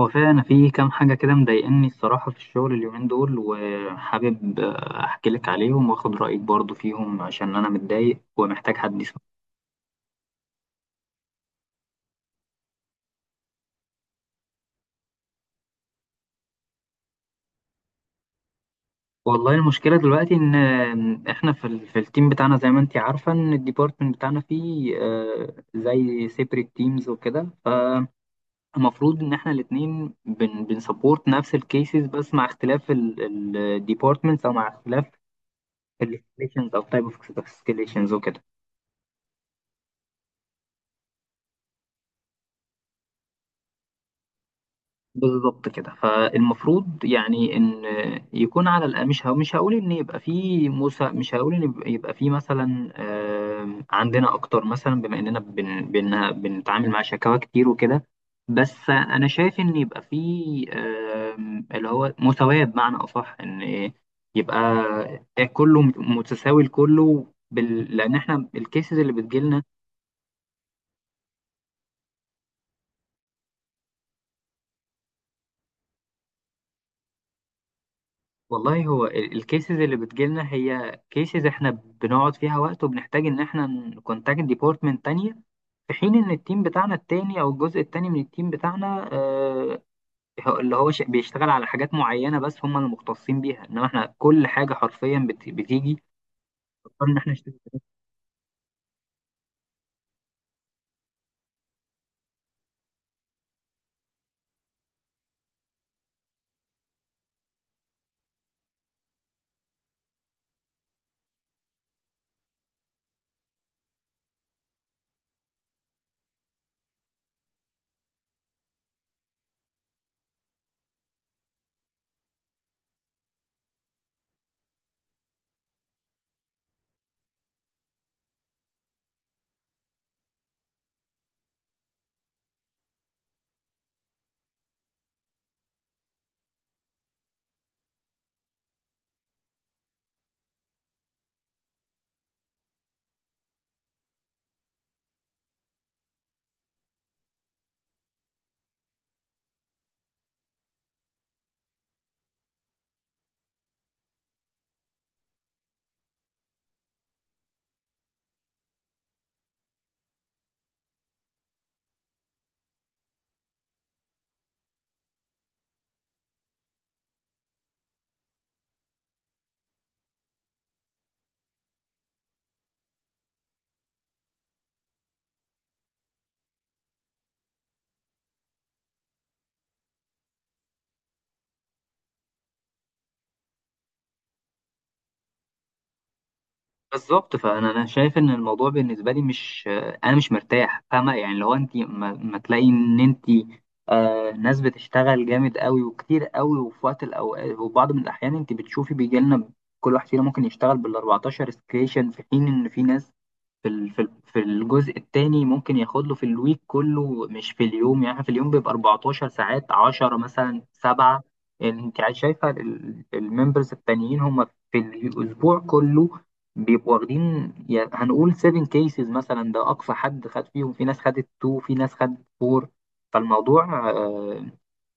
هو فعلا أنا في كام حاجة كده مضايقني الصراحة في الشغل اليومين دول وحابب أحكي لك عليهم وآخد رأيك برضو فيهم عشان أنا متضايق ومحتاج حد يسمع. والله المشكلة دلوقتي إن إحنا في التيم بتاعنا زي ما أنت عارفة إن الديبارتمنت بتاعنا فيه زي سيبريت تيمز وكده. فالمفروض إن إحنا الاتنين بنسبورت نفس الكيسز بس مع اختلاف الديبارتمنتس أو مع اختلاف الاسكيليشنز أو تايب أوف اسكيليشنز وكده. بالظبط كده. فالمفروض يعني ان يكون على الأقل مش هقول ان يبقى في موسى، مش هقول ان يبقى في مثلا عندنا اكتر، مثلا بما اننا بن بن بنتعامل مع شكاوى كتير وكده. بس انا شايف ان يبقى في اللي هو مساواة، بمعنى اصح ان يبقى كله متساوي لكله لان احنا الكيسز اللي بتجيلنا. والله هو الكيسز اللي بتجيلنا هي كيسز احنا بنقعد فيها وقت وبنحتاج ان احنا نكونتاكت ديبارتمنت تانية، في حين ان التيم بتاعنا التاني او الجزء التاني من التيم بتاعنا بيشتغل على حاجات معينة بس هم اللي مختصين بيها. انما احنا كل حاجة حرفيا بتيجي بنضطر ان احنا نشتغل. بالظبط. فانا شايف ان الموضوع بالنسبه لي مش، انا مش مرتاح، فاهمه؟ يعني لو انت ما تلاقي ان انت ناس بتشتغل جامد قوي وكتير قوي، وفي وقت الاوقات وبعض من الاحيان انت بتشوفي بيجي لنا كل واحد فينا ممكن يشتغل بال 14 سكيشن، في حين ان في ناس في الجزء التاني ممكن ياخد له في الويك كله مش في اليوم. يعني في اليوم بيبقى 14 ساعات، 10 مثلا، 7. يعني انت شايفه الممبرز التانيين هم في الاسبوع كله بيبقوا واخدين يعني هنقول 7 كيسز مثلا، ده اقصى حد خد فيهم. في ناس خدت 2، في ناس خدت 4. فالموضوع آه،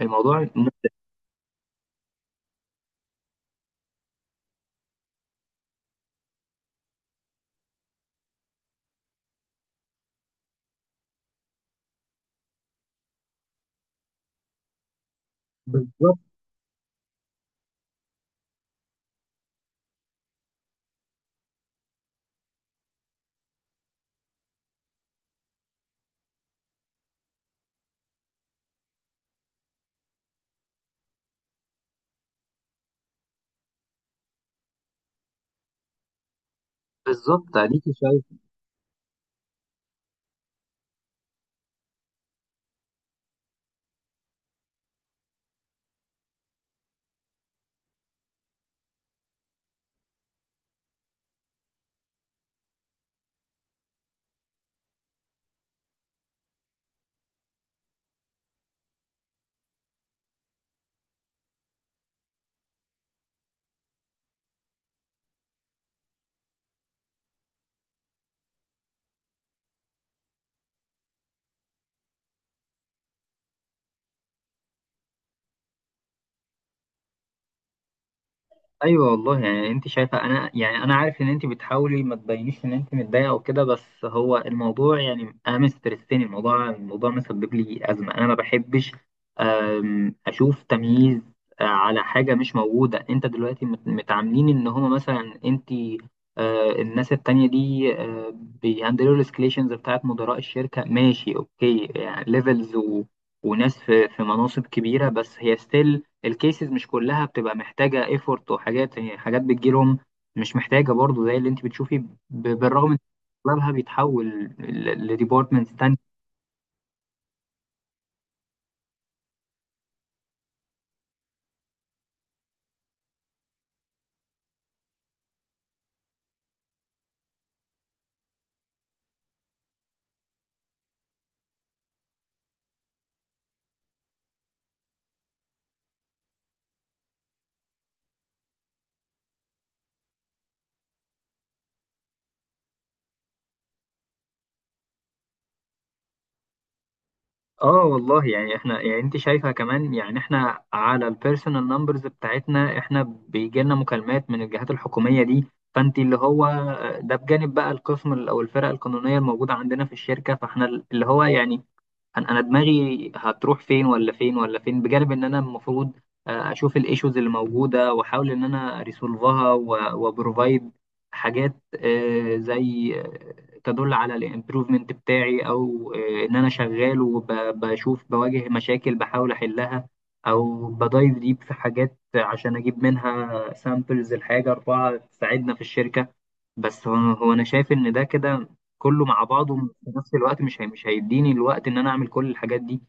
الموضوع بالظبط. بالظبط اديك شايف. ايوه والله، يعني انت شايفه انا، يعني انا عارف ان انت بتحاولي ما تبينيش ان انت متضايقه وكده. بس هو الموضوع يعني انا مسترسني الموضوع. الموضوع مسبب لي ازمه، انا ما بحبش اشوف تمييز على حاجه مش موجوده. انت دلوقتي متعاملين ان هما مثلا، انت الناس التانية دي بيهندلوا الاسكليشنز بتاعت مدراء الشركه، ماشي اوكي يعني ليفلز و... وناس في مناصب كبيره، بس هي ستيل الكيسز مش كلها بتبقى محتاجة ايفورت وحاجات. يعني حاجات بتجيلهم مش محتاجة برضو زي اللي انت بتشوفي بالرغم من إن اغلبها بيتحول لديبارتمنتس تانية. اه والله، يعني احنا، يعني انت شايفة كمان يعني احنا على البيرسونال نمبرز بتاعتنا احنا بيجي لنا مكالمات من الجهات الحكومية دي. فانت اللي هو ده بجانب بقى القسم او الفرق القانونية الموجودة عندنا في الشركة، فاحنا اللي هو يعني أنا دماغي هتروح فين ولا فين ولا فين، بجانب ان انا المفروض اشوف الايشوز اللي موجوده واحاول ان انا ريسولفها، وبروفايد حاجات زي تدل على الامبروفمنت بتاعي، او ان انا شغال وبشوف بواجه مشاكل بحاول احلها، او بدايف ديب في حاجات عشان اجيب منها سامبلز الحاجه اربعه تساعدنا في الشركه. بس هو انا شايف ان ده كده كله مع بعضه في نفس الوقت مش مش هيديني الوقت ان انا اعمل كل الحاجات دي.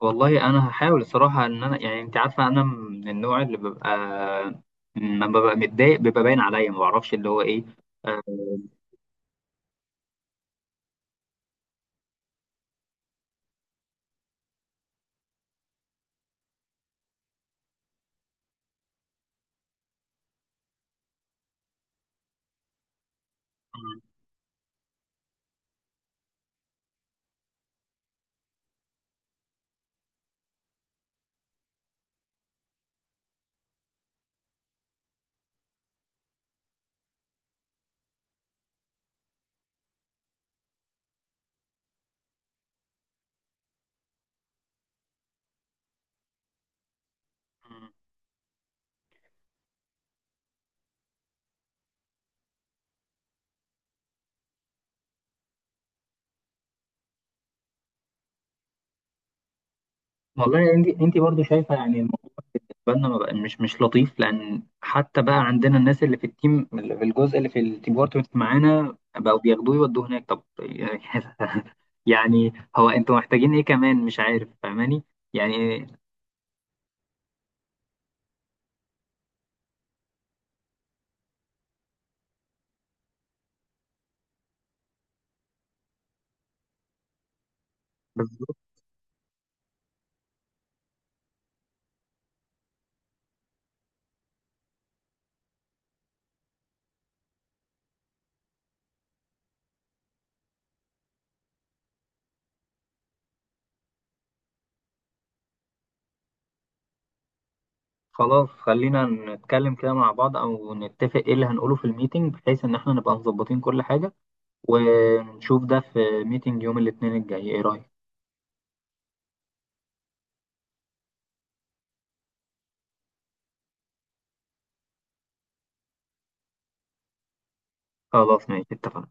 والله انا هحاول الصراحه ان انا، يعني انت عارفه انا من النوع اللي ببقى، لما ببقى متضايق بيبقى باين عليا، ما بعرفش اللي هو ايه. آه، والله انت برضو شايفه يعني الموضوع بالنسبه لنا ما بقى- مش لطيف، لان حتى بقى عندنا الناس اللي في التيم اللي في الجزء اللي في الديبارتمنت معانا بقوا بياخدوه يودوه هناك. طب يعني هو انتوا محتاجين ايه كمان؟ مش عارف فاهماني يعني. بالظبط. خلاص، خلينا نتكلم كده مع بعض او نتفق ايه اللي هنقوله في الميتنج، بحيث ان احنا نبقى مظبطين كل حاجة، ونشوف ده في ميتنج يوم الاثنين الجاي. ايه رأيك؟ خلاص ماشي، اتفقنا.